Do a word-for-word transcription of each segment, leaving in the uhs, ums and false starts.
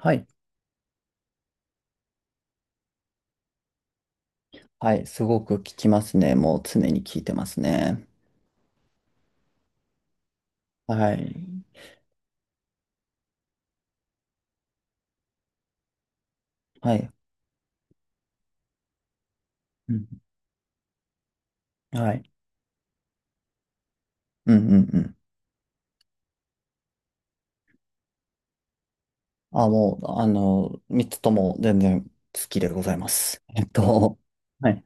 はい。はい。すごく聞きますね。もう常に聞いてますね。はい。はい。うん。はい。うんうんうん。あ、もう、あの、三つとも全然好きでございます。えっと、はい。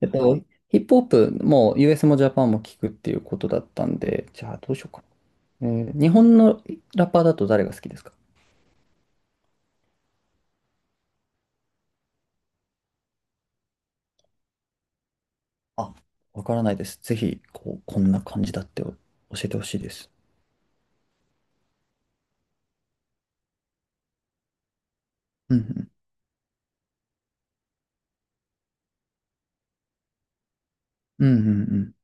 えっと、ヒップホップも ユーエス もジャパンも聞くっていうことだったんで、じゃあどうしようかな。えー日本のラッパーだと誰が好きですか？あ、わからないです。ぜひ、こう、こんな感じだって教えてほしいです。うんうん。うんうん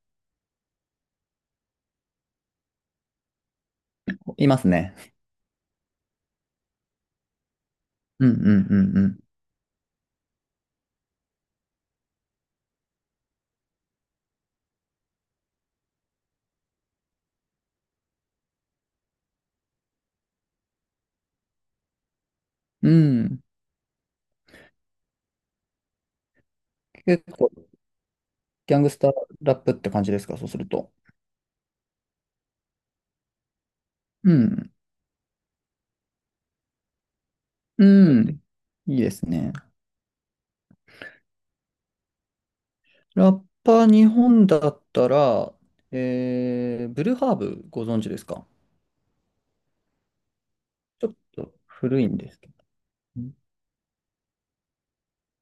うん。いますね。うんうんうんうん。結構、ギャングスターラップって感じですか、そうすると。うん。うん。いいですね。ラッパー日本だったら、えー、ブルーハーブご存知ですか？ちょっと古いんですけど。うん、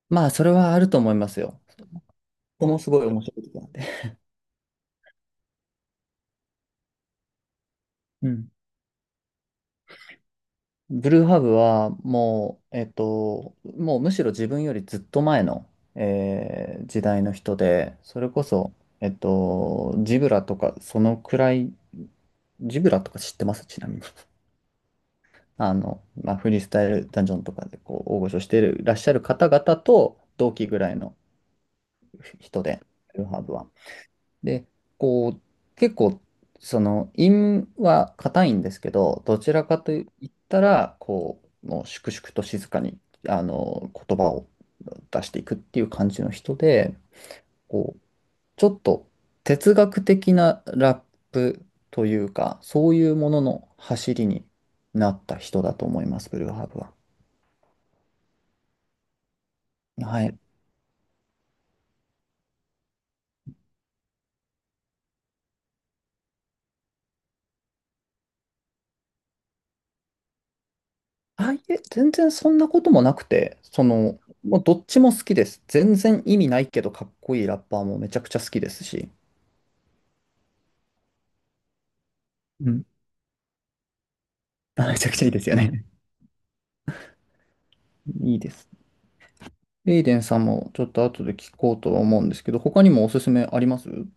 まあ、それはあると思いますよ。こもすごい面白い曲なんで。うん。ブルーハーブはもう、えっと、もうむしろ自分よりずっと前の、えー時代の人で、それこそ、えっと、ジブラとかそのくらい、ジブラとか知ってますちなみに？あの、まあ、フリースタイルダンジョンとかでこう大御所していらっしゃる方々と同期ぐらいの人で、ルハブは。で、こう、結構、その、陰は硬いんですけど、どちらかと言ったら、こう、もう粛々と静かに、あの、言葉を出していくっていう感じの人で、こう、ちょっと哲学的なラップというか、そういうものの走りになった人だと思います、ブルーハーブは。はい。あ、いえ、全然そんなこともなくて、その、もうどっちも好きです。全然意味ないけど、かっこいいラッパーもめちゃくちゃ好きですし。うん。あ、めちゃくちゃいいですよね。いいです。エイデンさんもちょっと後で聞こうとは思うんですけど、他にもおすすめあります？う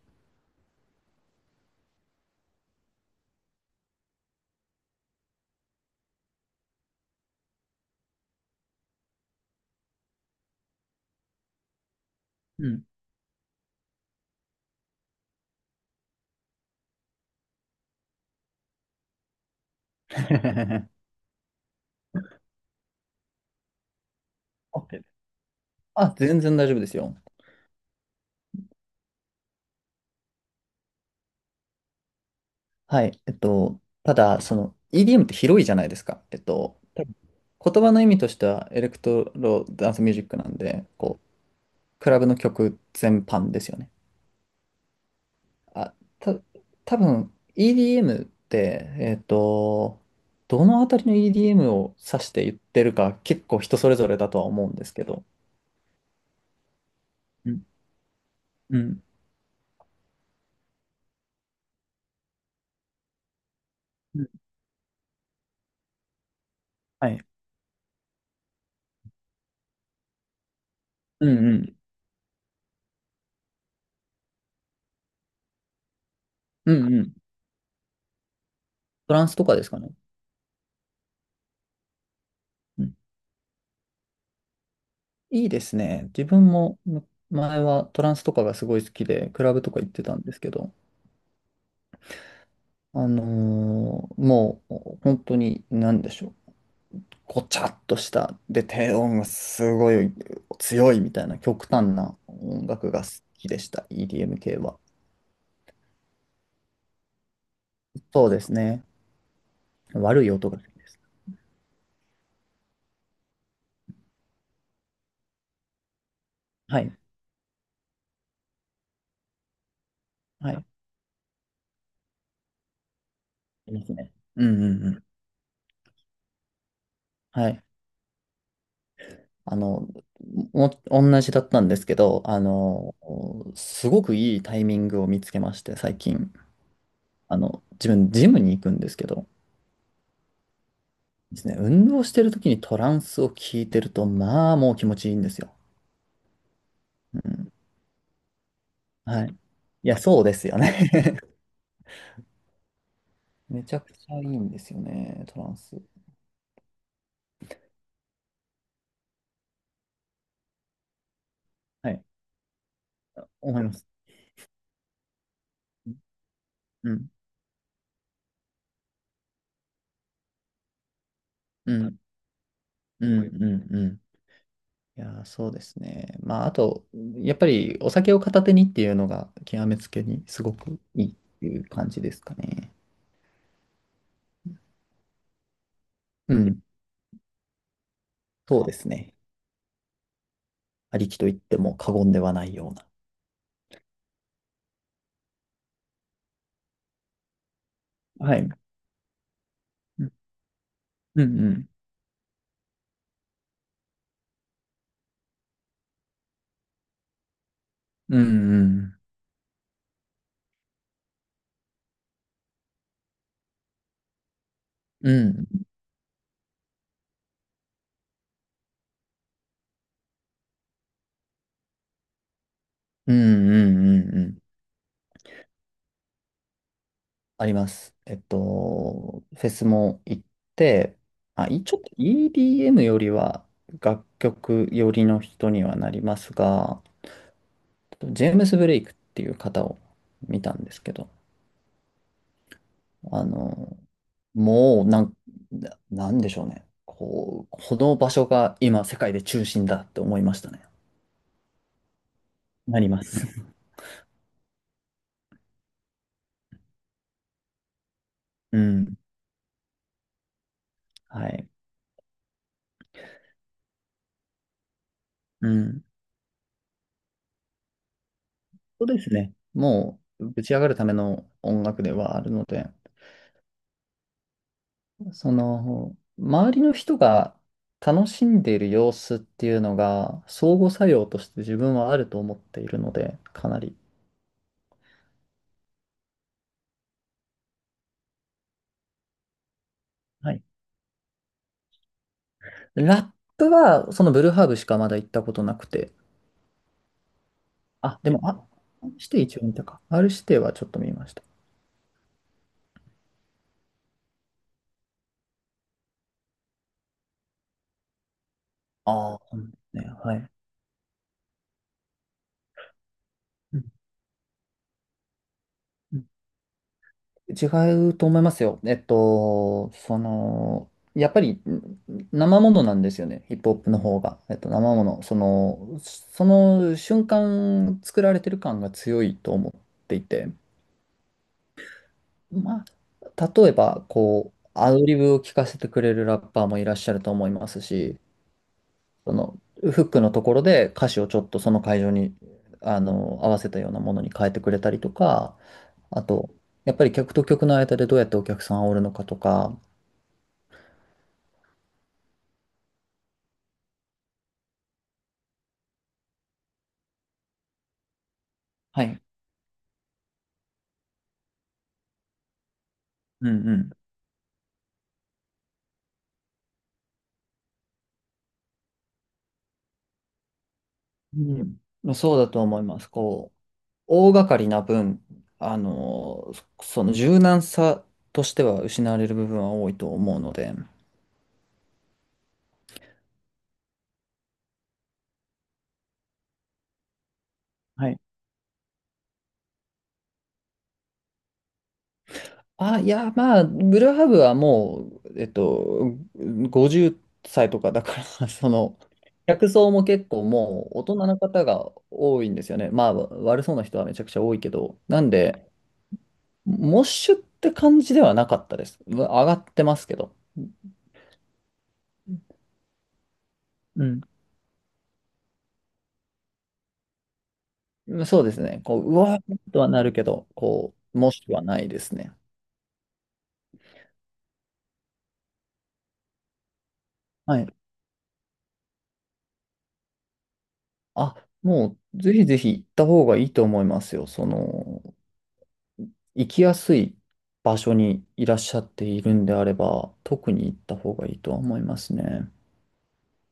ん。OK。 あ、全然大丈夫ですよ。はい。えっと、ただ、その イーディーエム って広いじゃないですか。えっと、多分言葉の意味としてはエレクトロダンスミュージックなんで、こう、クラブの曲全般ですよね。あ、た、多分 イーディーエム って、えっと、どのあたりの イーディーエム を指して言ってるか結構人それぞれだとは思うんですけど。うん。うん。うん、はい。うんうん。うんうん。トランスとかですかね？いいですね。自分もむ前はトランスとかがすごい好きで、クラブとか行ってたんですけど、あのーもう本当に何でしょう。ごちゃっとした、で、低音がすごい強いみたいな極端な音楽が好きでした。イーディーエム 系は。そうですね。悪い音が好き。はい。はい。いますね。うんうんうん。はい。あの、も、同じだったんですけど、あの、すごくいいタイミングを見つけまして、最近。あの、自分、ジムに行くんですけど、ですね、運動してる時にトランスを聞いてると、まあ、もう気持ちいいんですよ。うん。はい。いや、そうですよね。めちゃくちゃいいんですよね、トランス。はい。思います。うん。うん。うん。うん。うん。いやー、そうですね。まあ、あと、やっぱりお酒を片手にっていうのが、極めつけにすごくいいっていう感じですかね。うん。そうですね。ありきと言っても過言ではないような。はい。うんうんうん。うん、うん、うん、うん、うん、うん。あります。えっと、フェスも行って、まあ、いちょっと イーディーエム よりは楽曲寄りの人にはなりますが、ジェームス・ブレイクっていう方を見たんですけど、あの、もうなん、ななんでしょうね。こう、この場所が今世界で中心だって思いましたね。なります。うん。はい。うん。そうですね。もう、ぶち上がるための音楽ではあるので、その、周りの人が楽しんでいる様子っていうのが、相互作用として自分はあると思っているので、かなり。はい。ラップは、そのブルーハーブしかまだ行ったことなくて。あ、でも、あ、R 指定一応見たか。R 指定はちょっと見ました。ああ、そうなんですね。はい。うん、違うと思いますよ。えっと、その、やっぱりん生ものなんですよね、ヒップホップの方が。えっと、生もの、その、その瞬間作られてる感が強いと思っていて、まあ、例えば、こう、アドリブを聞かせてくれるラッパーもいらっしゃると思いますし、その、フックのところで歌詞をちょっとその会場に、あの、合わせたようなものに変えてくれたりとか、あと、やっぱり客と客の間でどうやってお客さんを煽るのかとか、はい。うんうん。うん、まあそうだと思います。こう、大掛かりな分、あの、そその柔軟さとしては失われる部分は多いと思うので、はい。あ、いや、まあ、ブルーハーブはもう、えっと、ごじゅっさいとかだから その、客層も結構もう大人の方が多いんですよね。まあ、悪そうな人はめちゃくちゃ多いけど、なんで、モッシュって感じではなかったです。上がってますけど。うん、そうですね。こう、うわーっとはなるけど、こう、もしくはないですね。はい。あ、もう、ぜひぜひ行った方がいいと思いますよ。その、行きやすい場所にいらっしゃっているんであれば、特に行った方がいいとは思いますね。